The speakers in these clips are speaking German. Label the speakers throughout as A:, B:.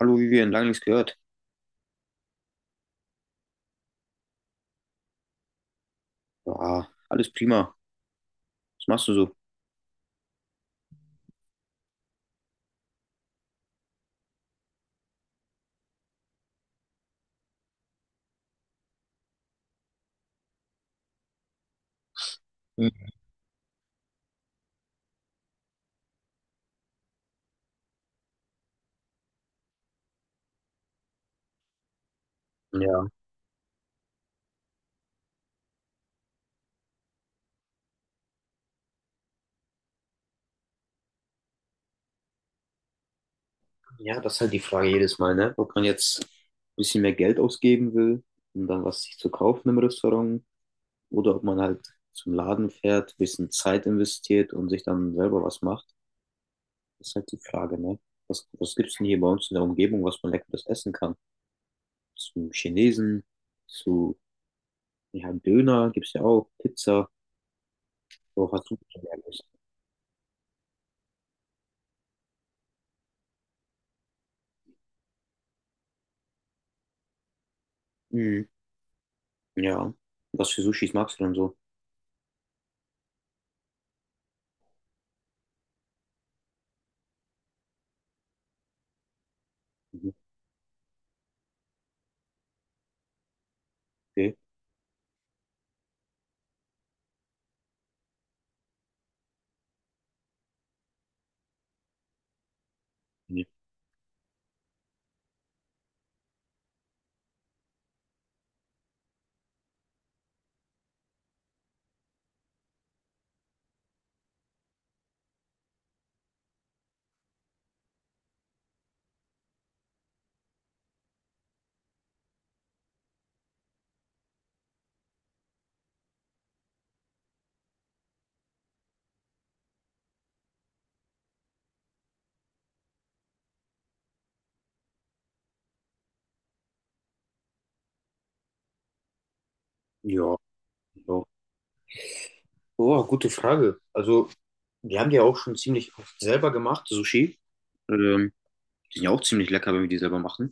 A: Hallo Vivian, lange nichts gehört. Ja, alles prima. Was machst du so? Ja, ja, das ist halt die Frage jedes Mal, ne? Ob man jetzt ein bisschen mehr Geld ausgeben will, um dann was sich zu kaufen im Restaurant, oder ob man halt zum Laden fährt, ein bisschen Zeit investiert und sich dann selber was macht. Das ist halt die Frage, ne? Was gibt's denn hier bei uns in der Umgebung, was man leckeres essen kann? Zum Chinesen, zu, ja, Döner gibt's ja auch, Pizza, wo hast du denn Leckeres? Mhm. Ja. Was für Sushis magst du denn so? Okay. Mhm. Ja, ja. Oh, gute Frage. Also, wir haben die ja auch schon ziemlich oft selber gemacht, Sushi. Ähm, die sind ja auch ziemlich lecker, wenn wir die selber machen.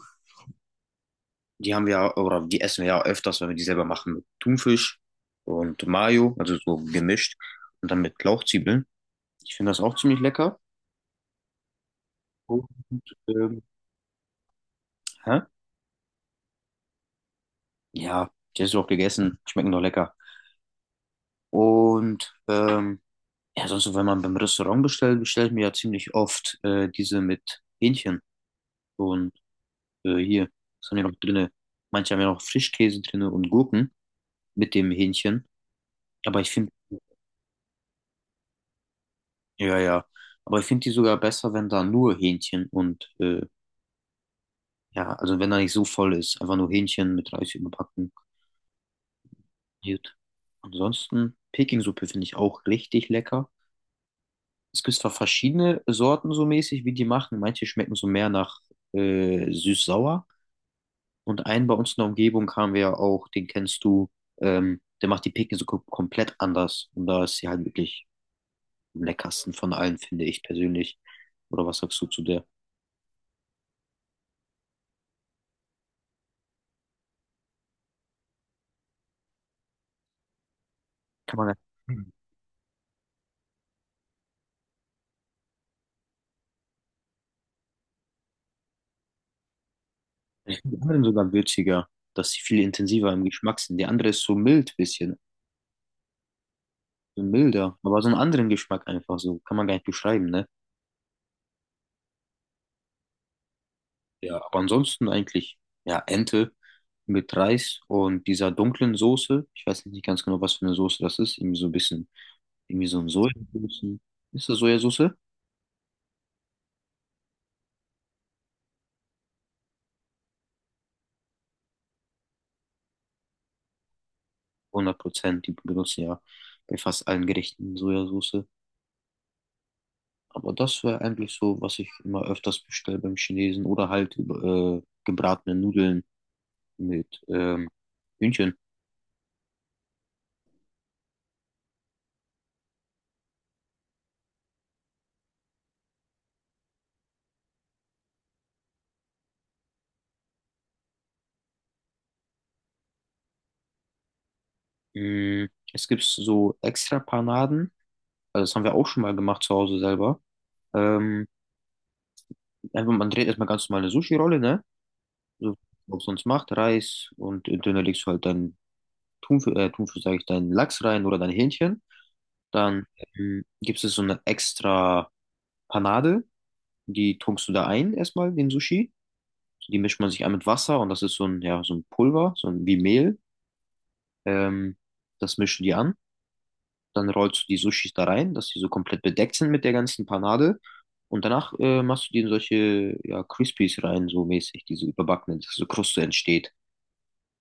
A: Die haben wir ja, oder die essen wir ja öfters, wenn wir die selber machen, mit Thunfisch und Mayo, also so gemischt. Und dann mit Lauchzwiebeln. Ich finde das auch ziemlich lecker. Und, ähm, hä? Ja, die hast du auch gegessen. Schmecken doch lecker. Und, ja, sonst, so, wenn man beim Restaurant bestellt, bestelle ich mir ja ziemlich oft diese mit Hähnchen. Und hier, was haben wir noch drinne? Manche haben ja noch Frischkäse drinne und Gurken mit dem Hähnchen. Aber ich finde, ja, ja. Aber ich finde die sogar besser, wenn da nur Hähnchen und, ja, also wenn da nicht so voll ist. Einfach nur Hähnchen mit Reis überbacken. Gut. Ansonsten, Peking-Suppe finde ich auch richtig lecker. Es gibt zwar verschiedene Sorten so mäßig, wie die machen. Manche schmecken so mehr nach süß-sauer. Und einen bei uns in der Umgebung haben wir ja auch, den kennst du, der macht die Picken so komplett anders. Und da ist sie halt wirklich am leckersten von allen, finde ich persönlich. Oder was sagst du zu der? Kann man. Hm. Ich finde die anderen sogar würziger, dass sie viel intensiver im Geschmack sind. Die andere ist so mild bisschen, so milder, aber so einen anderen Geschmack einfach so, kann man gar nicht beschreiben, ne? Ja, aber ansonsten eigentlich, ja, Ente mit Reis und dieser dunklen Soße. Ich weiß nicht ganz genau, was für eine Soße das ist, irgendwie so ein bisschen. Irgendwie so ein Sojasauce. Ist das Sojasauce? 100%, die benutzen ja bei fast allen Gerichten Sojasauce. Aber das wäre eigentlich so, was ich immer öfters bestelle beim Chinesen. Oder halt gebratene Nudeln mit Hühnchen. Mm, es gibt so extra Panaden. Also das haben wir auch schon mal gemacht zu Hause selber. Ähm, einfach, man dreht erstmal ganz normal eine Sushi-Rolle, ne? So, was sonst macht, Reis und dünner legst du halt deinen Thunfisch sage ich, deinen Lachs rein oder dein Hähnchen. Dann gibt es so eine extra Panade, die tunkst du da ein erstmal, den Sushi. Die mischt man sich an mit Wasser und das ist so ein, ja, so ein Pulver, so ein, wie Mehl. Ähm, das mischst du die an. Dann rollst du die Sushis da rein, dass die so komplett bedeckt sind mit der ganzen Panade. Und danach machst du die in solche ja, Crispies rein, so mäßig, diese überbackene, dass so Kruste entsteht.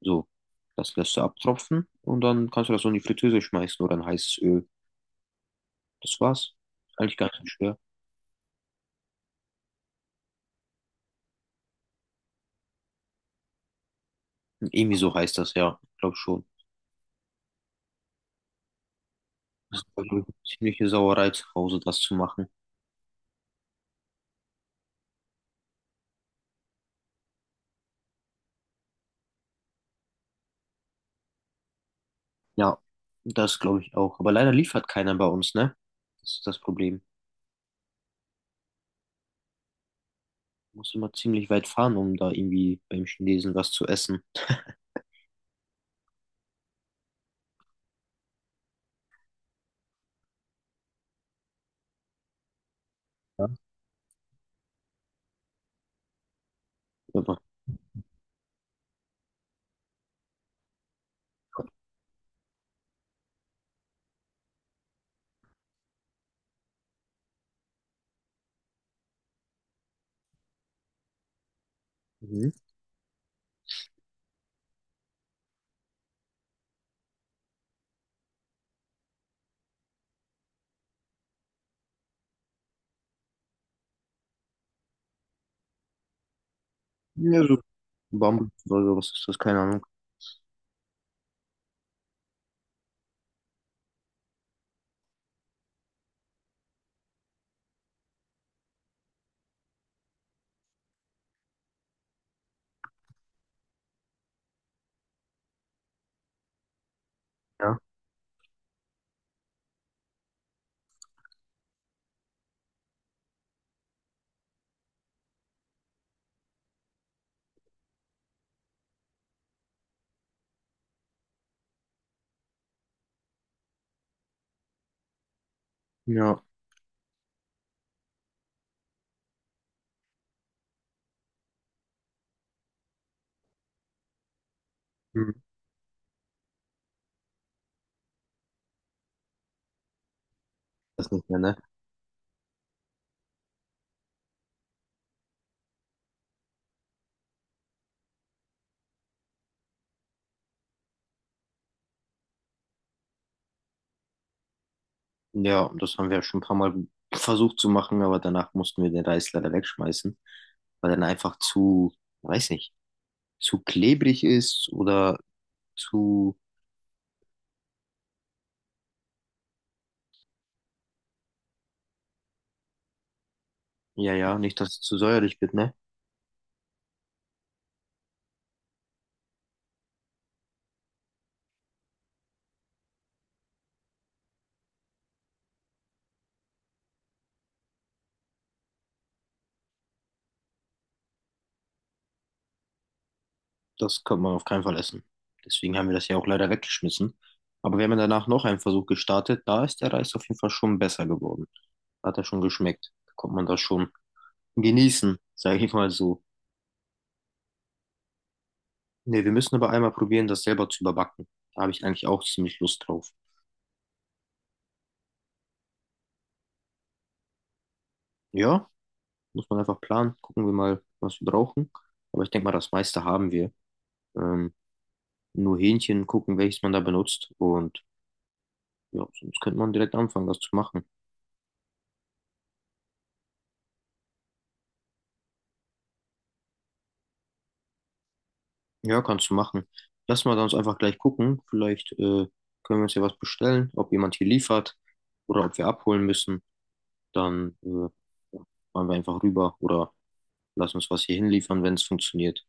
A: So, das lässt du abtropfen und dann kannst du das so in die Fritteuse schmeißen oder in heißes Öl. Das war's. Eigentlich gar nicht so schwer. Irgendwie so heißt das, ja, glaube schon. Das war, glaube ich, eine ziemliche Sauerei zu Hause, das zu machen. Ja, das glaube ich auch. Aber leider liefert keiner bei uns, ne? Das ist das Problem. Muss immer ziemlich weit fahren, um da irgendwie beim Chinesen was zu essen. Ja, aber, mhm. Ja, so Bambus oder so, was ist das? Keine Ahnung. Ja, ja, mhm, das nicht mehr, ne? Ja, und das haben wir schon ein paar Mal versucht zu machen, aber danach mussten wir den Reis leider wegschmeißen, weil er dann einfach zu, weiß nicht, zu klebrig ist oder zu. Ja, ja, nicht, dass es zu säuerlich wird, ne? Das kann man auf keinen Fall essen. Deswegen haben wir das ja auch leider weggeschmissen. Aber wir haben ja danach noch einen Versuch gestartet. Da ist der Reis auf jeden Fall schon besser geworden. Hat er schon geschmeckt. Da konnte man das schon genießen, sage ich mal so. Ne, wir müssen aber einmal probieren, das selber zu überbacken. Da habe ich eigentlich auch ziemlich Lust drauf. Ja, muss man einfach planen. Gucken wir mal, was wir brauchen. Aber ich denke mal, das meiste haben wir. Ähm, nur Hähnchen gucken, welches man da benutzt. Und ja, sonst könnte man direkt anfangen, das zu machen. Ja, kannst du machen. Lass mal sonst einfach gleich gucken. Vielleicht können wir uns ja was bestellen, ob jemand hier liefert oder ob wir abholen müssen. Dann ja, fahren wir einfach rüber oder lass uns was hier hinliefern, wenn es funktioniert.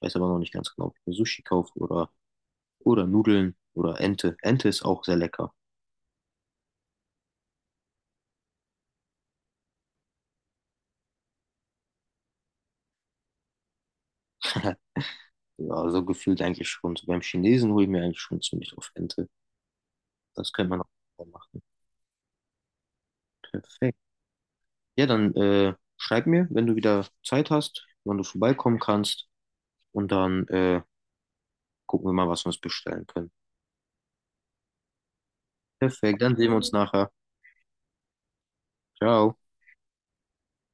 A: Ich weiß aber noch nicht ganz genau, ob ich mir Sushi kaufe oder Nudeln oder Ente. Ente ist auch sehr lecker. Ja, so gefühlt eigentlich schon. So beim Chinesen hole ich mir eigentlich schon ziemlich oft Ente. Das könnte man auch machen. Perfekt. Ja, dann schreib mir, wenn du wieder Zeit hast, wann du vorbeikommen kannst. Und dann gucken wir mal, was wir uns bestellen können. Perfekt, dann sehen wir uns nachher. Ciao.